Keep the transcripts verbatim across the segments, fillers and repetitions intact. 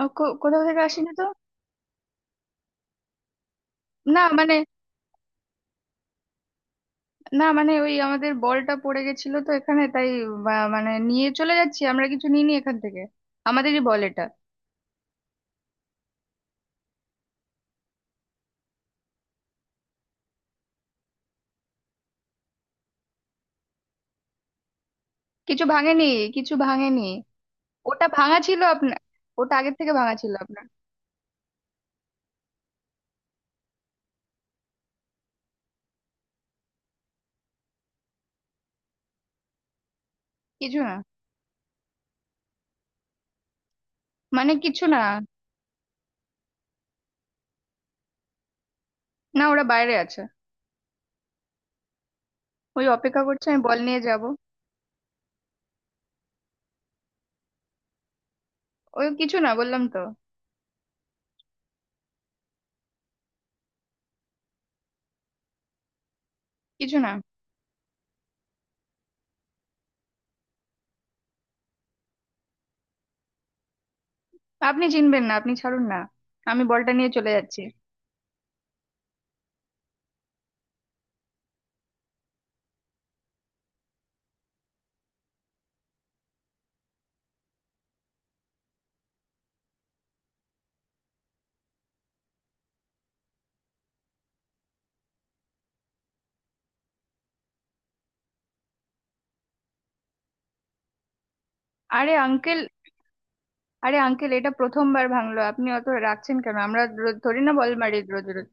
ও, কো- কোথাও থেকে আসেনি তো। না মানে, না মানে ওই আমাদের বলটা পড়ে গেছিল তো এখানে, তাই বা- মানে নিয়ে চলে যাচ্ছি। আমরা কিছু নিইনি এখান থেকে, আমাদেরই বল এটা। কিছু ভাঙেনি। কিছু ভাঙেনি। ওটা ভাঙা ছিল আপনার। ওটা আগের থেকে ভাঙা ছিল আপনার। কিছু না। মানে কিছু না। না, ওরা বাইরে আছে। ওই অপেক্ষা করছে, আমি বল নিয়ে যাব। ওই কিছু না বললাম তো। কিছু না। আপনি চিনবেন না, আপনি ছাড়ুন না। আমি বলটা নিয়ে চলে যাচ্ছি। আরে আঙ্কেল! আরে আঙ্কেল, এটা প্রথমবার ভাঙলো, আপনি অত রাখছেন কেন? আমরা রোজ ধরি না বল মারি রোজ রোজ।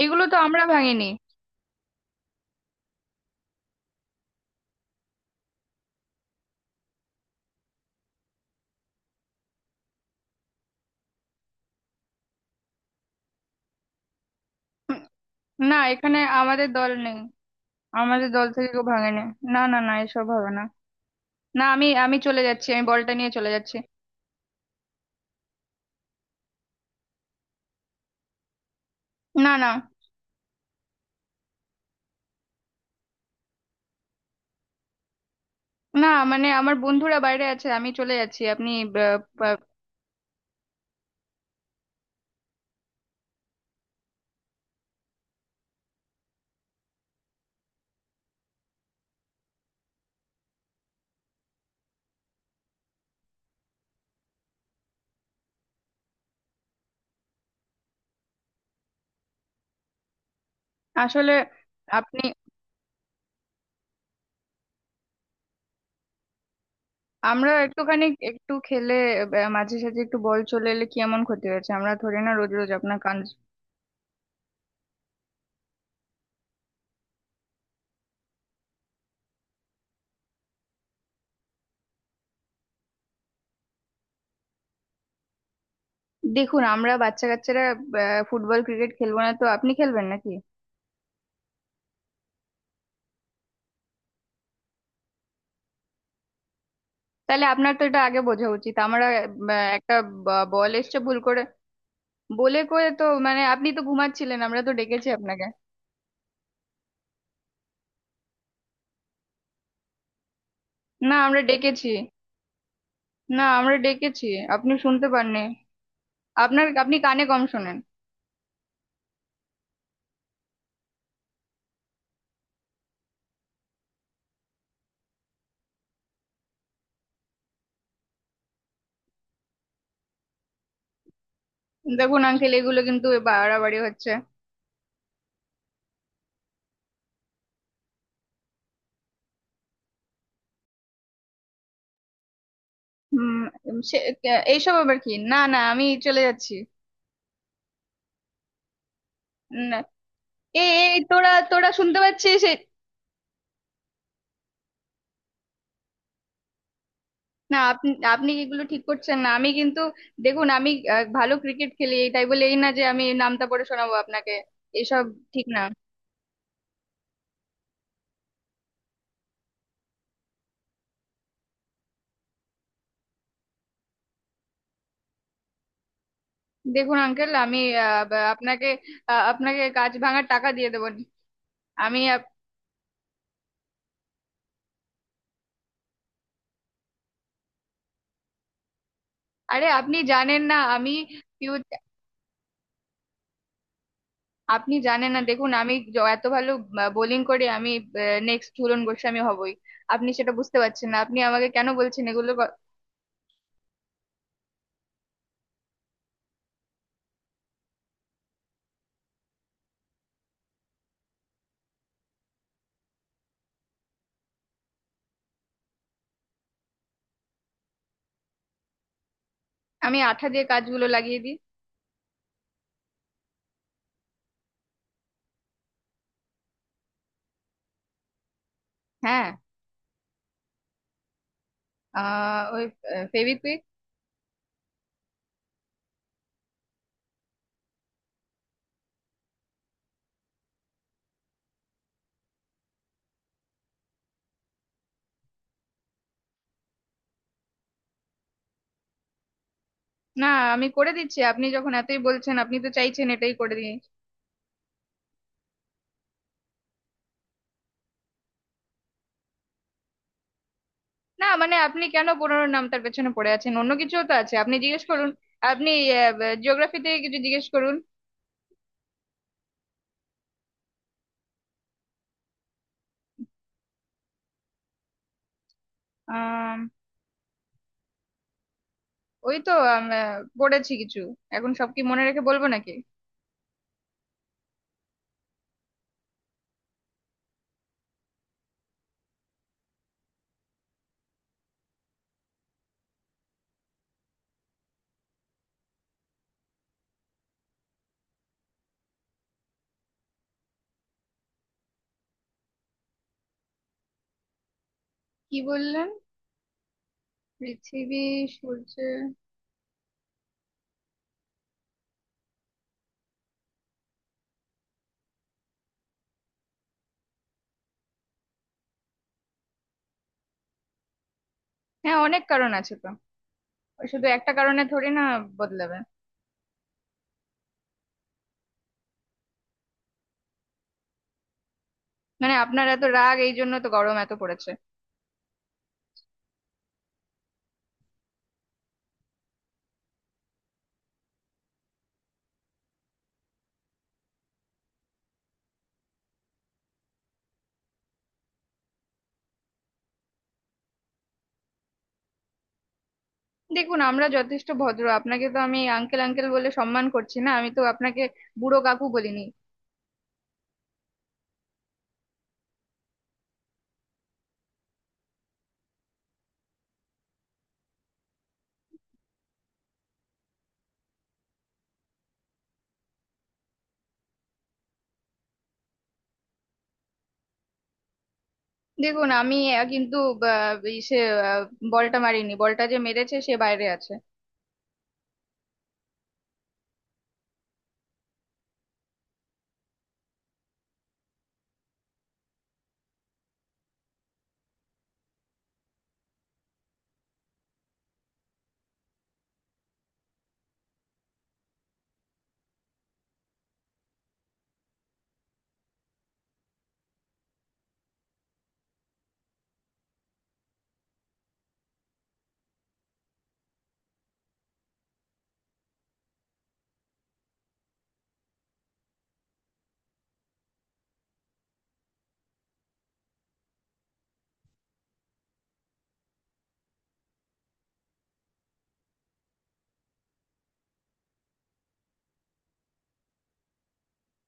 এইগুলো তো আমরা ভাঙিনি। হুম, না, এখানে আমাদের দল নেই। আমাদের দল থেকে কেউ ভাঙেনি। না না না, এসব হবে না। না, আমি আমি চলে যাচ্ছি, আমি বলটা নিয়ে চলে যাচ্ছি। না না। না, মানে আমার বন্ধুরা বাইরে আছে, আমি চলে যাচ্ছি, আপনি। আহ, আহ, আসলে আপনি আমরা একটুখানি একটু খেলে আহ, মাঝে সাঝে একটু বল চলে এলে কি এমন ক্ষতি হয়েছে? আমরা ধরি না রোজ রোজ আপনার কান। দেখুন, আমরা বাচ্চা কাচ্চারা আহ, ফুটবল ক্রিকেট খেলবো না তো আপনি খেলবেন নাকি? তাহলে আপনার তো এটা আগে বোঝা উচিত, আমরা আহ, একটা বল এসছে ভুল করে। বলে করে তো মানে আপনি তো ঘুমাচ্ছিলেন, আমরা তো ডেকেছি আপনাকে। না, আমরা ডেকেছি। না, আমরা ডেকেছি। আপনি শুনতে পাননি। আপনার আপনি কানে কম শোনেন। দেখুন আঙ্কেল, এগুলো কিন্তু বাড়াবাড়ি হচ্ছে। হুম। সে এইসব আবার কি? না না, আমি চলে যাচ্ছি। না, এ এ, তোরা তোরা শুনতে পাচ্ছিস? না আপনি, আপনি এগুলো ঠিক করছেন না, আমি কিন্তু দেখুন, আমি আহ, ভালো ক্রিকেট খেলি। এই তাই বলে এই না যে আমি নামটা পড়ে শোনাবো আপনাকে। এসব ঠিক না। দেখুন আঙ্কেল, আমি আহ, বা- আপনাকে আহ, আপনাকে কাজ ভাঙার টাকা দিয়ে দেবো। আমি আপ- আরে আপনি জানেন না আমি পিউ- আপনি জানেন না। দেখুন, আমি য- এত ভালো বোলিং করে, আমি নেক্সট ঝুলন গোস্বামী হবই। আপনি সেটা বুঝতে পারছেন না, আপনি আমাকে কেন বলছেন এগুলো ক- আমি আঠা দিয়ে কাজগুলো লাগিয়ে দিই। হ্যাঁ। আহ ওই ফেভিকুইক। না আমি করে দিচ্ছি, আপনি যখন এতই বলছেন, আপনি তো চাইছেন এটাই করে দিই। না মানে আপনি কেন পুরোনো নামটার পেছনে পড়ে আছেন? অন্য কিছুও তো আছে, আপনি জিজ্ঞেস করুন। আপনি জিওগ্রাফি থেকে কিছু জিজ্ঞেস করুন। আহ, ওই তো আম, আহ, পড়েছি কিছু। এখন সব কি মনে রেখে বলবো নাকি? কি বললেন? পৃথিবী সূর্য। হ্যাঁ, অনেক কারণ আছে তো। ওই শুধু একটা কারণে থোড়ি না বদলাবে। মানে আপনার এত রাগ, এই জন্য তো গরম এত পড়েছে। দেখুন, আমরা যথেষ্ট ভদ্র। আপনাকে তো আমি আঙ্কেল আঙ্কেল বলে সম্মান করছি, না আমি তো আপনাকে বুড়ো কাকু বলিনি। দেখুন, আমি আহ, কিন্তু আহ, এই সে আহ, বলটা মারিনি, বলটা যে মেরেছে সে বাইরে আছে।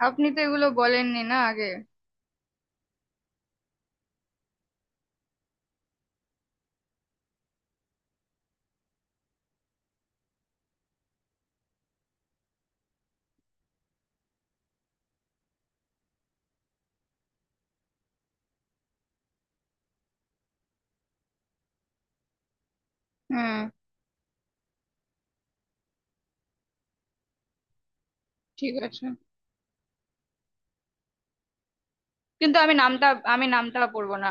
আপনি তো এগুলো বলেননি না আগে। হুম। ঠিক আছে, কিন্তু আমি নামটা, আমি নামটা পরবো না।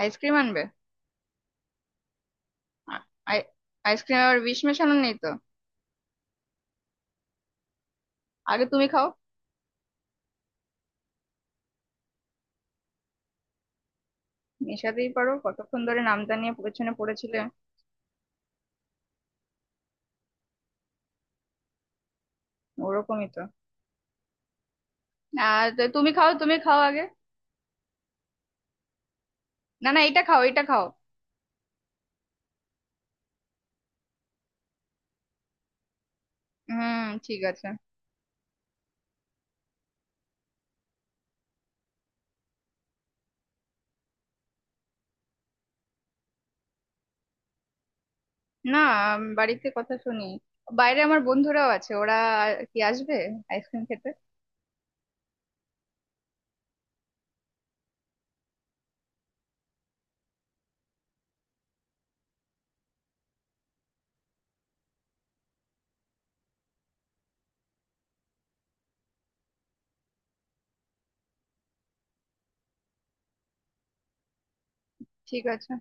আইসক্রিম আনবে? আ- আই- আইসক্রিম আর বিষ মেশানো নেই তো? আগে তুমি খাও। মেশাতেই পারো, কতক্ষণ ধরে নামটা নিয়ে পেছনে পড়েছিলে। ওরকমই তো। আর তো, তুমি খাও, তুমি খাও আগে। না না, এটা খাও, এটা খাও। হুম। ঠিক আছে। না, উম, বাড়িতে কথা শুনি। বাইরে আমার বন্ধুরাও আছে, ওরা আর কি আসবে আইসক্রিম খেতে? ঠিক আছে।